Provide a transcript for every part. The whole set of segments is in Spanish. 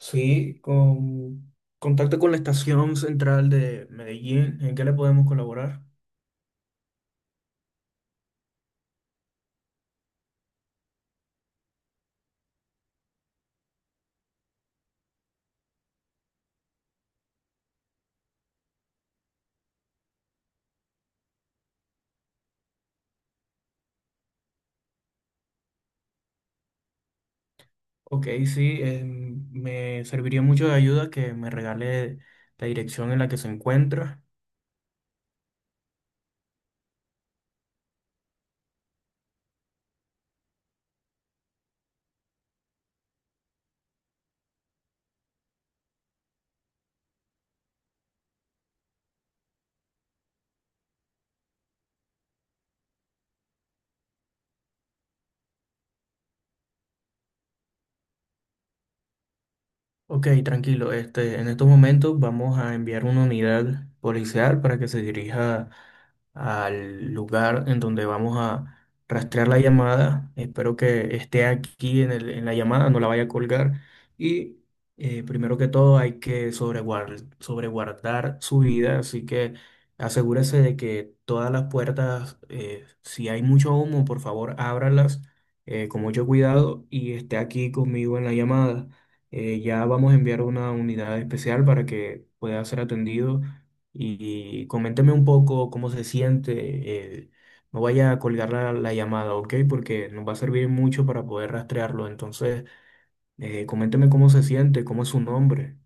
Sí, con contacto con la estación central de Medellín, ¿en qué le podemos colaborar? Ok, sí, me serviría mucho de ayuda que me regale la dirección en la que se encuentra. Ok, tranquilo. Este, en estos momentos vamos a enviar una unidad policial para que se dirija al lugar en donde vamos a rastrear la llamada. Espero que esté aquí en en la llamada, no la vaya a colgar. Y primero que todo hay que sobreguardar su vida, así que asegúrese de que todas las puertas, si hay mucho humo, por favor, ábralas con mucho cuidado y esté aquí conmigo en la llamada. Ya vamos a enviar una unidad especial para que pueda ser atendido y coménteme un poco cómo se siente. eh, no vaya a colgar la llamada, ¿ok? Porque nos va a servir mucho para poder rastrearlo. Entonces, coménteme cómo se siente, cómo es su nombre.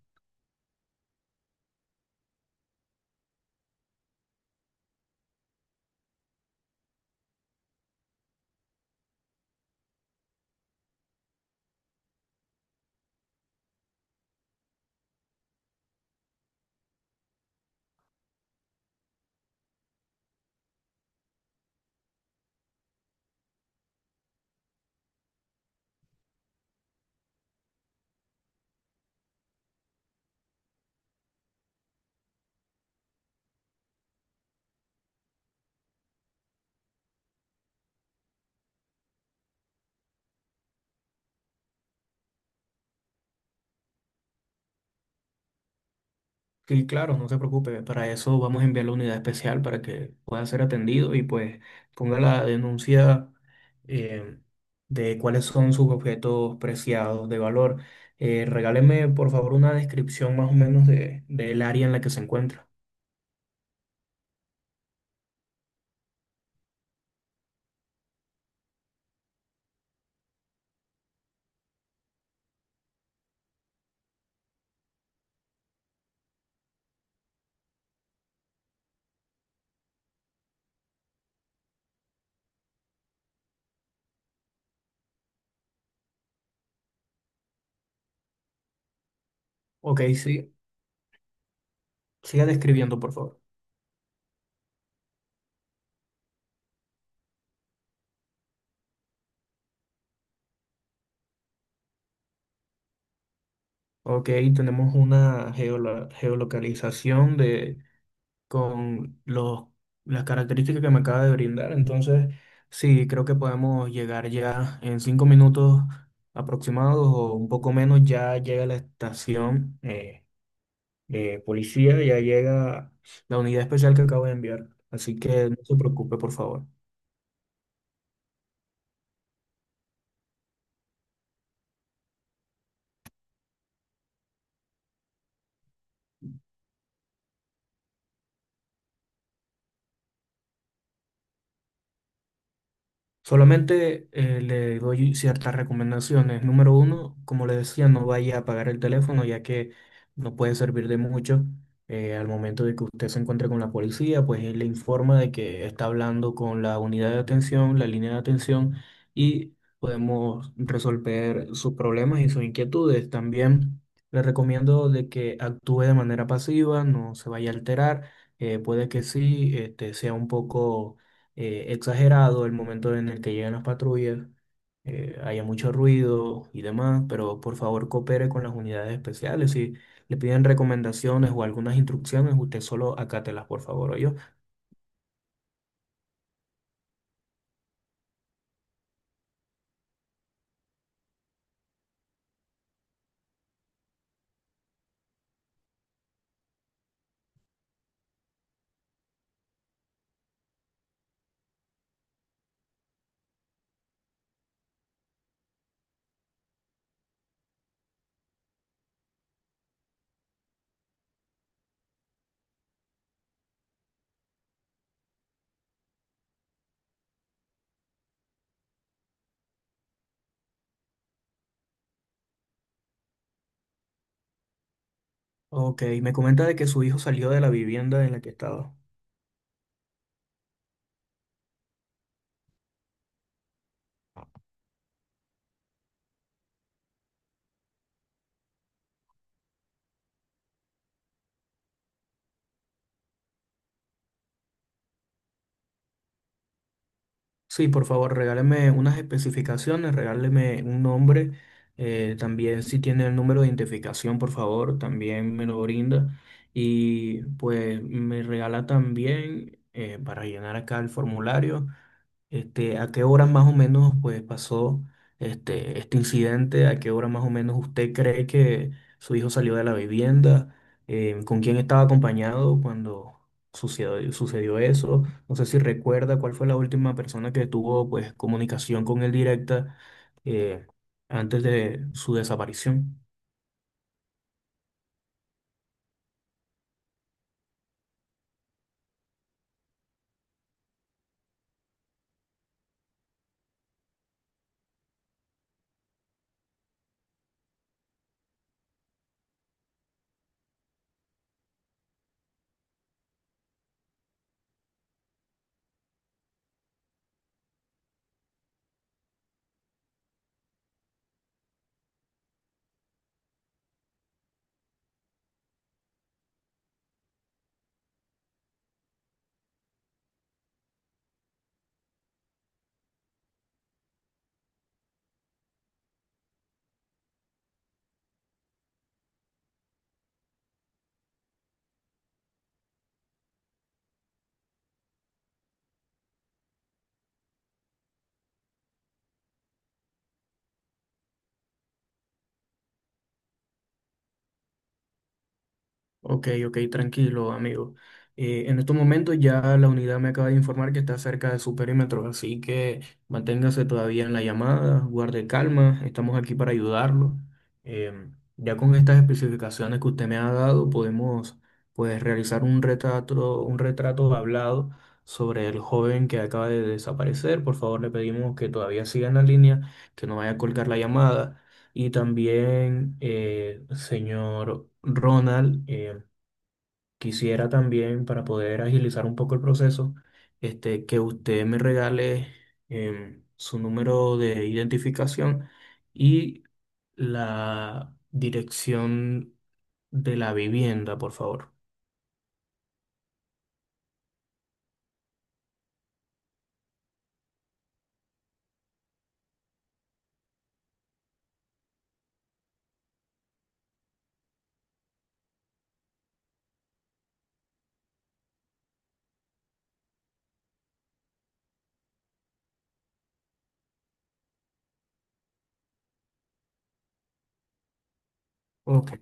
Sí, claro, no se preocupe. Para eso vamos a enviar la unidad especial para que pueda ser atendido y pues ponga la denuncia, eh, de cuáles son sus objetos preciados de valor. Regáleme, por favor, una descripción más o menos del área en la que se encuentra. Ok, sí, siga describiendo, por favor. Ok, tenemos una geolocalización de con las características que me acaba de brindar. Entonces, sí, creo que podemos llegar ya en 5 minutos aproximados o un poco menos. Ya llega la estación, de policía, ya llega la unidad especial que acabo de enviar. Así que no se preocupe, por favor. Solamente le doy ciertas recomendaciones. Número 1, como le decía, no vaya a apagar el teléfono ya que no puede servir de mucho. Al momento de que usted se encuentre con la policía, pues él le informa de que está hablando con la unidad de atención, la línea de atención, y podemos resolver sus problemas y sus inquietudes. También le recomiendo de que actúe de manera pasiva, no se vaya a alterar. Puede que sí, este, sea un poco exagerado el momento en el que llegan las patrullas, haya mucho ruido y demás, pero por favor coopere con las unidades especiales. Si le piden recomendaciones o algunas instrucciones, usted solo acátelas, por favor, yo. Ok, me comenta de que su hijo salió de la vivienda en la que estaba. Sí, por favor, regáleme unas especificaciones, regáleme un nombre. También si tiene el número de identificación, por favor, también me lo brinda. Y pues me regala también, para llenar acá el formulario, este, ¿a qué hora más o menos pues pasó este, este incidente? ¿A qué hora más o menos usted cree que su hijo salió de la vivienda? ¿Con quién estaba acompañado cuando sucedió eso? No sé si recuerda cuál fue la última persona que tuvo pues comunicación con él directa, eh, antes de su desaparición. Ok, ok, tranquilo, amigo. En estos momentos ya la unidad me acaba de informar que está cerca de su perímetro, así que manténgase todavía en la llamada, guarde calma, estamos aquí para ayudarlo. Em, ya con estas especificaciones que usted me ha dado, podemos pues realizar un retrato hablado sobre el joven que acaba de desaparecer. Por favor, le pedimos que todavía siga en la línea, que no vaya a colgar la llamada. Y también, señor Ronald, quisiera también, para poder agilizar un poco el proceso, este, que usted me regale su número de identificación y la dirección de la vivienda, por favor. Ok,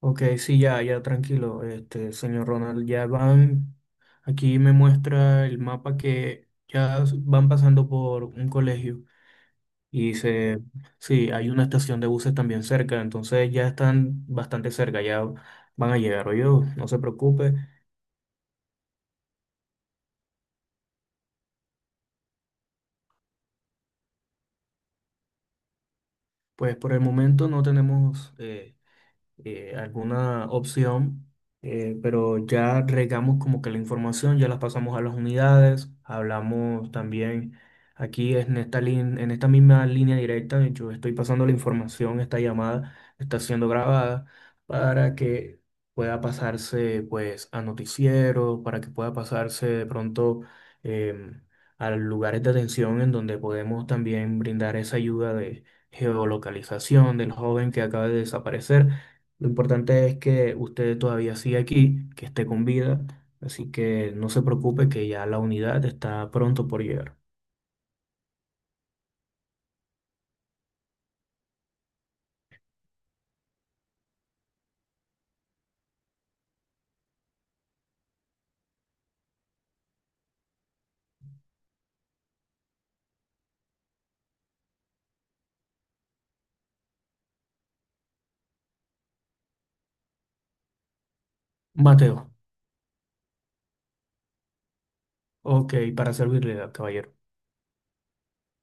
ok, sí, ya, ya, tranquilo, este, señor Ronald, ya van, aquí me muestra el mapa que ya van pasando por un colegio. Y se, sí, hay una estación de buses también cerca, entonces ya están bastante cerca, ya van a llegar. Oye, no se preocupe, pues por el momento no tenemos alguna opción, pero ya regamos como que la información, ya las pasamos a las unidades, hablamos también aquí en esta, en esta misma línea directa, yo estoy pasando la información, esta llamada está siendo grabada para que pueda pasarse pues a noticieros, para que pueda pasarse de pronto, em, a lugares de atención en donde podemos también brindar esa ayuda de geolocalización del joven que acaba de desaparecer. Lo importante es que usted todavía sigue aquí, que esté con vida, así que no se preocupe que ya la unidad está pronto por llegar. Mateo, ok, para servirle, caballero.